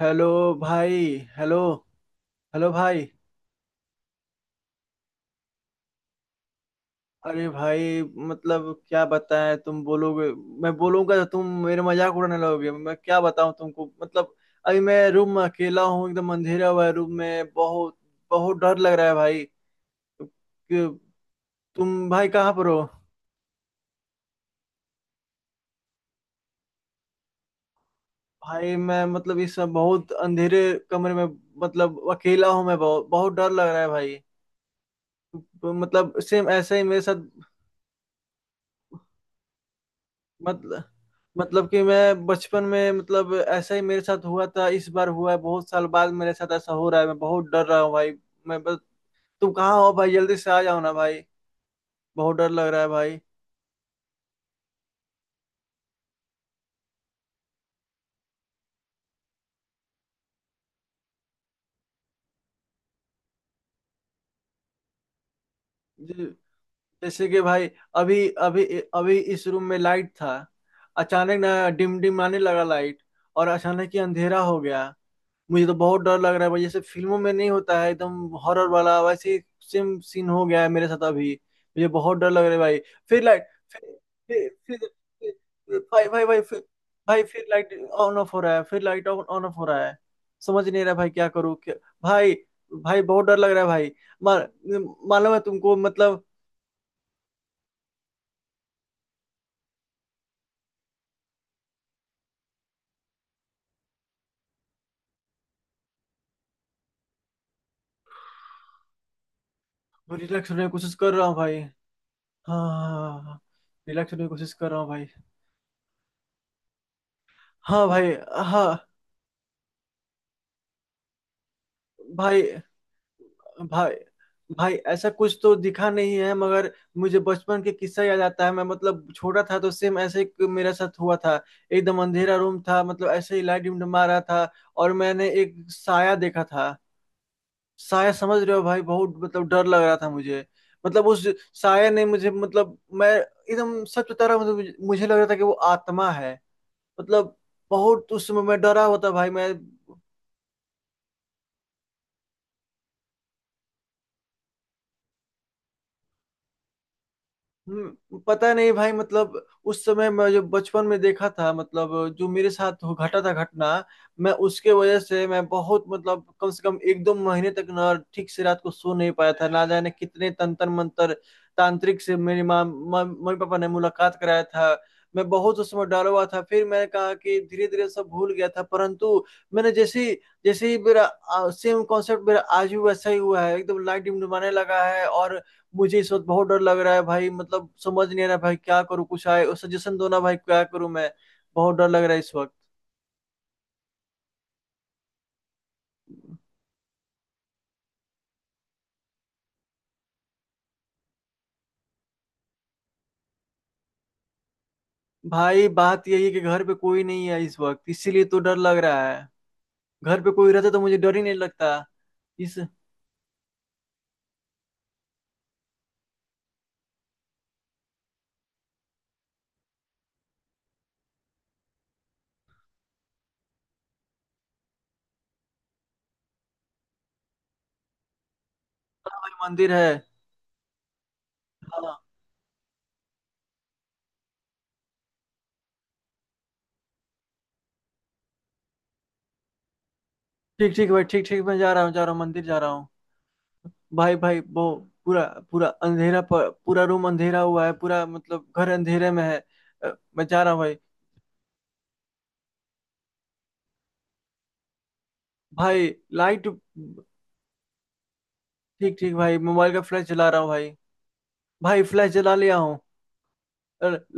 Hello भाई। Hello. Hello भाई। अरे भाई, मतलब क्या बताएं? तुम बोलोगे, मैं बोलूंगा तो तुम मेरे मजाक उड़ाने लगोगे। मैं क्या बताऊं तुमको मतलब। अभी मैं रूम में अकेला हूँ, एकदम अंधेरा हुआ है रूम में, बहुत बहुत डर लग रहा है भाई। कि- तुम भाई कहाँ पर हो? भाई मैं मतलब इस समय बहुत अंधेरे कमरे में मतलब अकेला हूँ, मैं बहुत बहुत डर लग रहा है भाई। मतलब सेम ऐसा ही मेरे साथ मतलब। मतलब कि मैं बचपन में मतलब ऐसा ही मेरे साथ हुआ था, इस बार हुआ है बहुत साल बाद, मेरे साथ ऐसा हो रहा है, मैं बहुत डर रहा हूँ भाई। मैं बस तुम कहाँ हो भाई? जल्दी से आ जाओ ना भाई, बहुत डर लग रहा है भाई। ज- जैसे कि भाई, अभी अभी अभी इस रूम में लाइट था, अचानक ना डिम डिम आने लगा लाइट, और अचानक ही अंधेरा हो गया। मुझे तो बहुत डर लग रहा है भाई। जैसे फिल्मों में नहीं होता है एकदम हॉरर वाला, वैसे ही सेम सीन हो गया है मेरे साथ अभी। मुझे बहुत डर लग रहा है भाई। फिर लाइट, फिर फिर फिर भाई भाई भाई फिर, भाई फिर लाइट ऑन ऑफ हो रहा है, फिर लाइट ऑन ऑन ऑफ हो रहा है। समझ नहीं रहा भाई क्या करूँ क्या? भाई भाई बहुत डर लग रहा है भाई। मा, मालूम है तुमको मतलब। रिलैक्स होने की कोशिश कर रहा हूँ भाई। हाँ, रिलैक्स होने की कोशिश कर रहा हूँ भाई। हाँ भाई। हाँ। भाई भाई भाई ऐसा कुछ तो दिखा नहीं है, मगर मुझे बचपन के किस्सा याद आता है। मैं मतलब छोटा था तो सेम ऐसे ही मेरे साथ हुआ था। एकदम अंधेरा रूम था, मतलब ऐसे ही लाइट डिमडमा रहा था, और मैंने एक साया देखा था। साया, समझ रहे हो भाई? बहुत मतलब डर लग रहा था मुझे मतलब। उस साया ने मुझे मतलब, मैं एकदम सच बता रहा हूँ मतलब, मुझे मुझे लग रहा था कि वो आत्मा है मतलब। बहुत उस समय मैं डरा हुआ था भाई। मैं पता नहीं भाई मतलब। उस समय मैं जो बचपन में देखा था मतलब, जो मेरे साथ हो घटा था घटना, मैं उसके वजह से मैं बहुत मतलब कम से कम एक दो महीने तक ना ठीक से रात को सो नहीं पाया था। ना जाने कितने तंत्र मंत्र तांत्रिक से मेरी माँ माँ- मम्मी पापा ने मुलाकात कराया था। मैं बहुत उस समय डरा हुआ था। फिर मैंने कहा कि धीरे धीरे सब भूल गया था, परंतु मैंने जैसे ही मेरा सेम कॉन्सेप्ट मेरा आज भी वैसा ही हुआ है। एकदम लाइट डिमडमाने लगा है, और मुझे इस वक्त बहुत डर लग रहा है भाई। मतलब समझ नहीं आ रहा भाई क्या करूँ? कुछ आए, सजेशन दो ना भाई, क्या करूँ मैं? बहुत डर लग रहा है इस वक्त। भाई बात यही है कि घर पे कोई नहीं है इस वक्त, इसीलिए तो डर लग रहा है। घर पे कोई रहता तो मुझे डर ही नहीं लगता। इस हाँ, भाई मंदिर है। हाँ। ठीक ठीक भाई, ठीक ठीक, मैं जा रहा हूँ, जा रहा हूँ मंदिर जा रहा हूँ। भाई भाई वो पूरा, पूरा रूम अंधेरा हुआ है, पूरा मतलब घर अंधेरे में है। मैं जा रहा हूँ भाई। भाई लाइट। ठीक ठीक भाई, मोबाइल का फ्लैश जला रहा हूँ भाई। भाई फ्लैश जला लिया हूँ।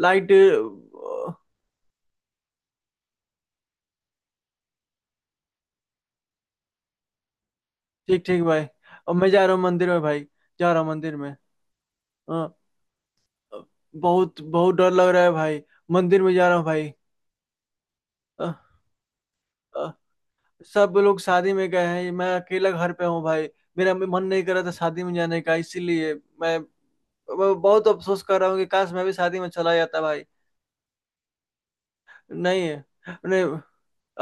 लाइट। ठीक ठीक भाई, अब मैं जा रहा हूँ मंदिर में भाई। जा रहा हूँ मंदिर में। अ, बहुत बहुत डर लग रहा है भाई। मंदिर में जा रहा हूँ भाई। अ, अ, सब लोग शादी में गए हैं, मैं अकेला घर पे हूँ भाई। मेरा मन नहीं कर रहा था शादी में जाने का, इसीलिए मैं मैं बहुत अफसोस कर रहा हूँ कि काश मैं भी शादी में चला जाता भाई। नहीं। नहीं।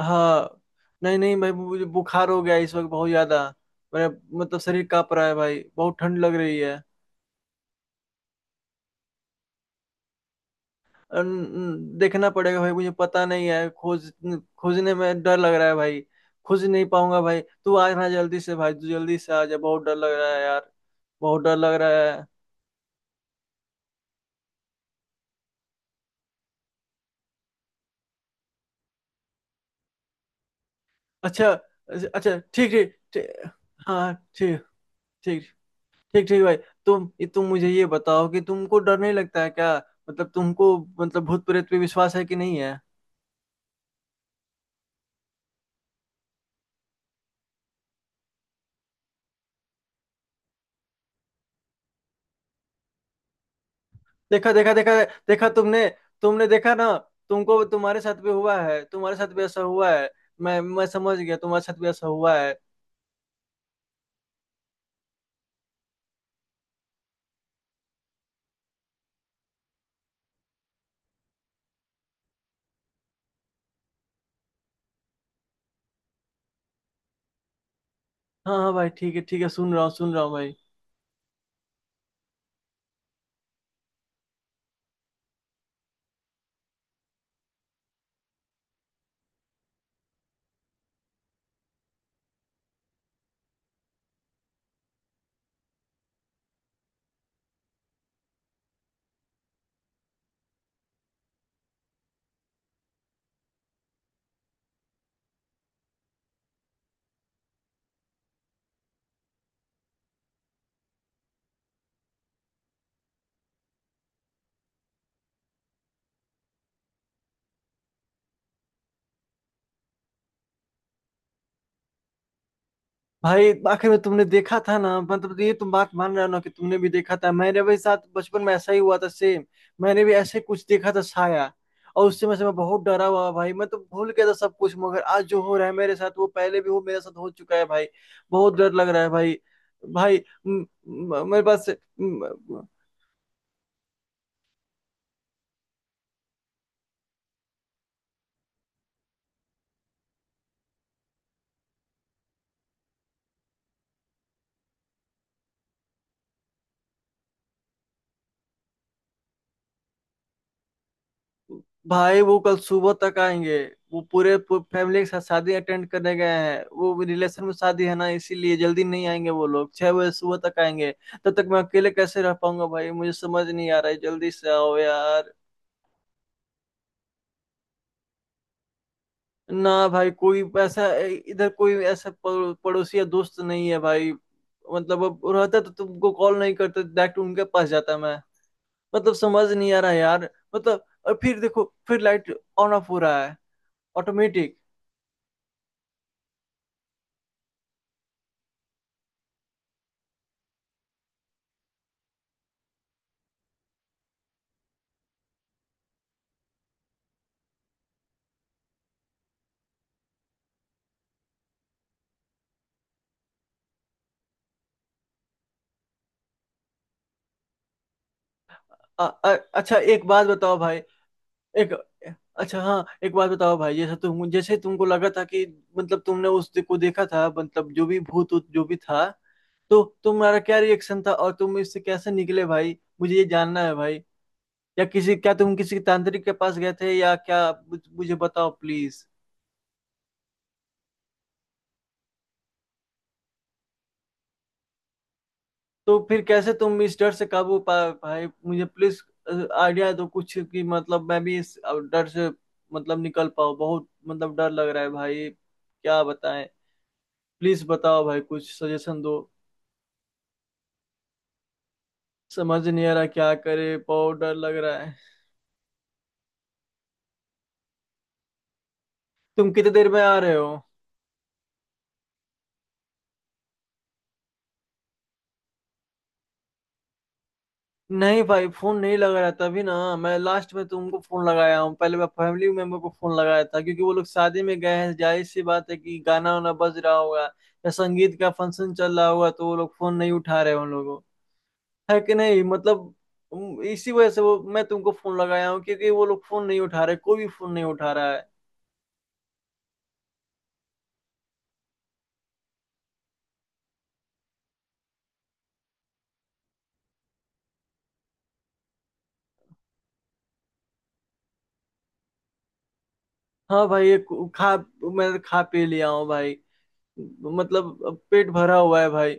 हाँ। नहीं नहीं भाई, मुझे बुखार हो गया इस वक्त बहुत ज्यादा। मेरा मतलब शरीर कांप रहा है भाई, बहुत ठंड लग रही है। देखना पड़ेगा भाई, मुझे पता नहीं है। खोजने में डर लग रहा है भाई। खोज नहीं पाऊंगा भाई, तू आ रहा जल्दी से भाई, तू जल्दी से आ जा, बहुत डर लग रहा है यार। बहुत डर लग रहा है। अच्छा अच्छा अच्छा, ठीक ठीक हाँ ठीक। ठीक। ठीक ठीक भाई। तुम तुम मुझे ये बताओ कि तुमको डर नहीं लगता है क्या? मतलब तुमको मतलब भूत प्रेत पे विश्वास है कि नहीं है? देखा देखा देखा। देखा तुमने, तुमने देखा ना? तुमको तुम्हारे साथ भी हुआ है, तुम्हारे साथ भी ऐसा हुआ है। मैं समझ गया, तुम्हारे साथ भी ऐसा हुआ है। हाँ हाँ भाई, ठीक है ठीक है, सुन रहा हूँ भाई। भाई आखिर में तुमने देखा था ना? मतलब ये तुम बात मान रहे हो ना कि तुमने भी देखा था? मेरे भी साथ बचपन में ऐसा ही हुआ था सेम। मैंने भी ऐसे कुछ देखा था साया, और उससे मैं बहुत डरा हुआ भाई। मैं तो भूल गया था सब कुछ, मगर आज जो हो रहा है मेरे साथ, वो पहले भी वो मेरे साथ हो चुका है भाई। बहुत डर लग रहा है भाई। भाई म, म, मेरे पास। भाई वो कल सुबह तक आएंगे, वो पूरे फैमिली के साथ शादी अटेंड करने गए हैं। वो रिलेशन में शादी है ना, इसीलिए जल्दी नहीं आएंगे। वो लोग छह बजे सुबह तक आएंगे। तब तक मैं अकेले कैसे रह पाऊंगा भाई? मुझे समझ नहीं आ रहा है, जल्दी से आओ यार। ना भाई, कोई ऐसा, इधर कोई ऐसा पड़ोसी या दोस्त नहीं है भाई। मतलब अब रहता तो तुमको कॉल नहीं करते, डायरेक्ट उनके पास जाता मैं। मतलब समझ नहीं आ रहा यार। मतलब, और फिर देखो फिर लाइट ऑन ऑफ हो रहा है ऑटोमेटिक। अच्छा एक बात बताओ भाई। एक, अच्छा हाँ, एक बात बताओ भाई, जैसा तुम जैसे तुमको लगा था कि मतलब तुमने उस को देखा था, मतलब जो भी भूत ऊत जो भी था, तो तुम्हारा क्या रिएक्शन था? और तुम इससे कैसे निकले भाई? मुझे ये जानना है भाई, या किसी क्या तुम किसी तांत्रिक के पास गए थे या क्या? मुझे बताओ प्लीज। तो फिर कैसे तुम इस डर से काबू पाए भाई? मुझे प्लीज आइडिया दो कुछ कि मतलब मैं भी इस डर से मतलब निकल पाऊँ। बहुत मतलब डर लग रहा है भाई, क्या बताएं? प्लीज बताओ भाई, कुछ सजेशन दो। समझ नहीं आ रहा क्या करे, बहुत डर लग रहा है। तुम कितने देर में आ रहे हो? नहीं भाई फोन नहीं लग रहा, तभी ना मैं लास्ट में तुमको फोन लगाया हूँ। पहले मैं फैमिली मेंबर को फोन लगाया था, क्योंकि वो लोग शादी में गए हैं, जाहिर सी बात है कि गाना वाना बज रहा होगा या संगीत का फंक्शन चल रहा होगा, तो वो लोग फोन नहीं उठा रहे हैं उन लोगों है कि नहीं मतलब। इसी वजह से वो मैं तुमको फोन लगाया हूँ, क्योंकि वो लोग फोन नहीं उठा रहे, कोई भी फोन नहीं उठा रहा है। हाँ भाई, ये खा, मैं खा पी लिया हूँ भाई, मतलब अब पेट भरा हुआ है भाई।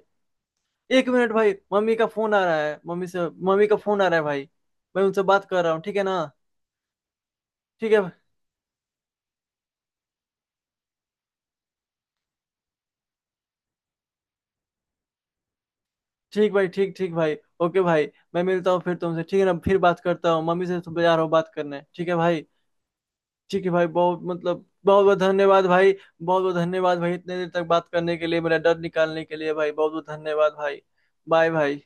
एक मिनट भाई, मम्मी का फोन आ रहा है, मम्मी से, मम्मी का फोन आ रहा है भाई। मैं उनसे बात कर रहा हूँ, ठीक है ना? ठीक है। ठीक भाई, ठीक ठीक भाई, ओके भाई, मैं मिलता हूँ फिर तुमसे, ठीक है ना? फिर बात करता हूँ, मम्मी से तो जा रहा हूँ बात करने, ठीक है भाई? ठीक है भाई, बहुत मतलब बहुत बहुत धन्यवाद भाई। बहुत बहुत धन्यवाद भाई, इतने देर तक बात करने के लिए, मेरा डर निकालने के लिए भाई। बहुत बहुत धन्यवाद भाई। बाय भाई।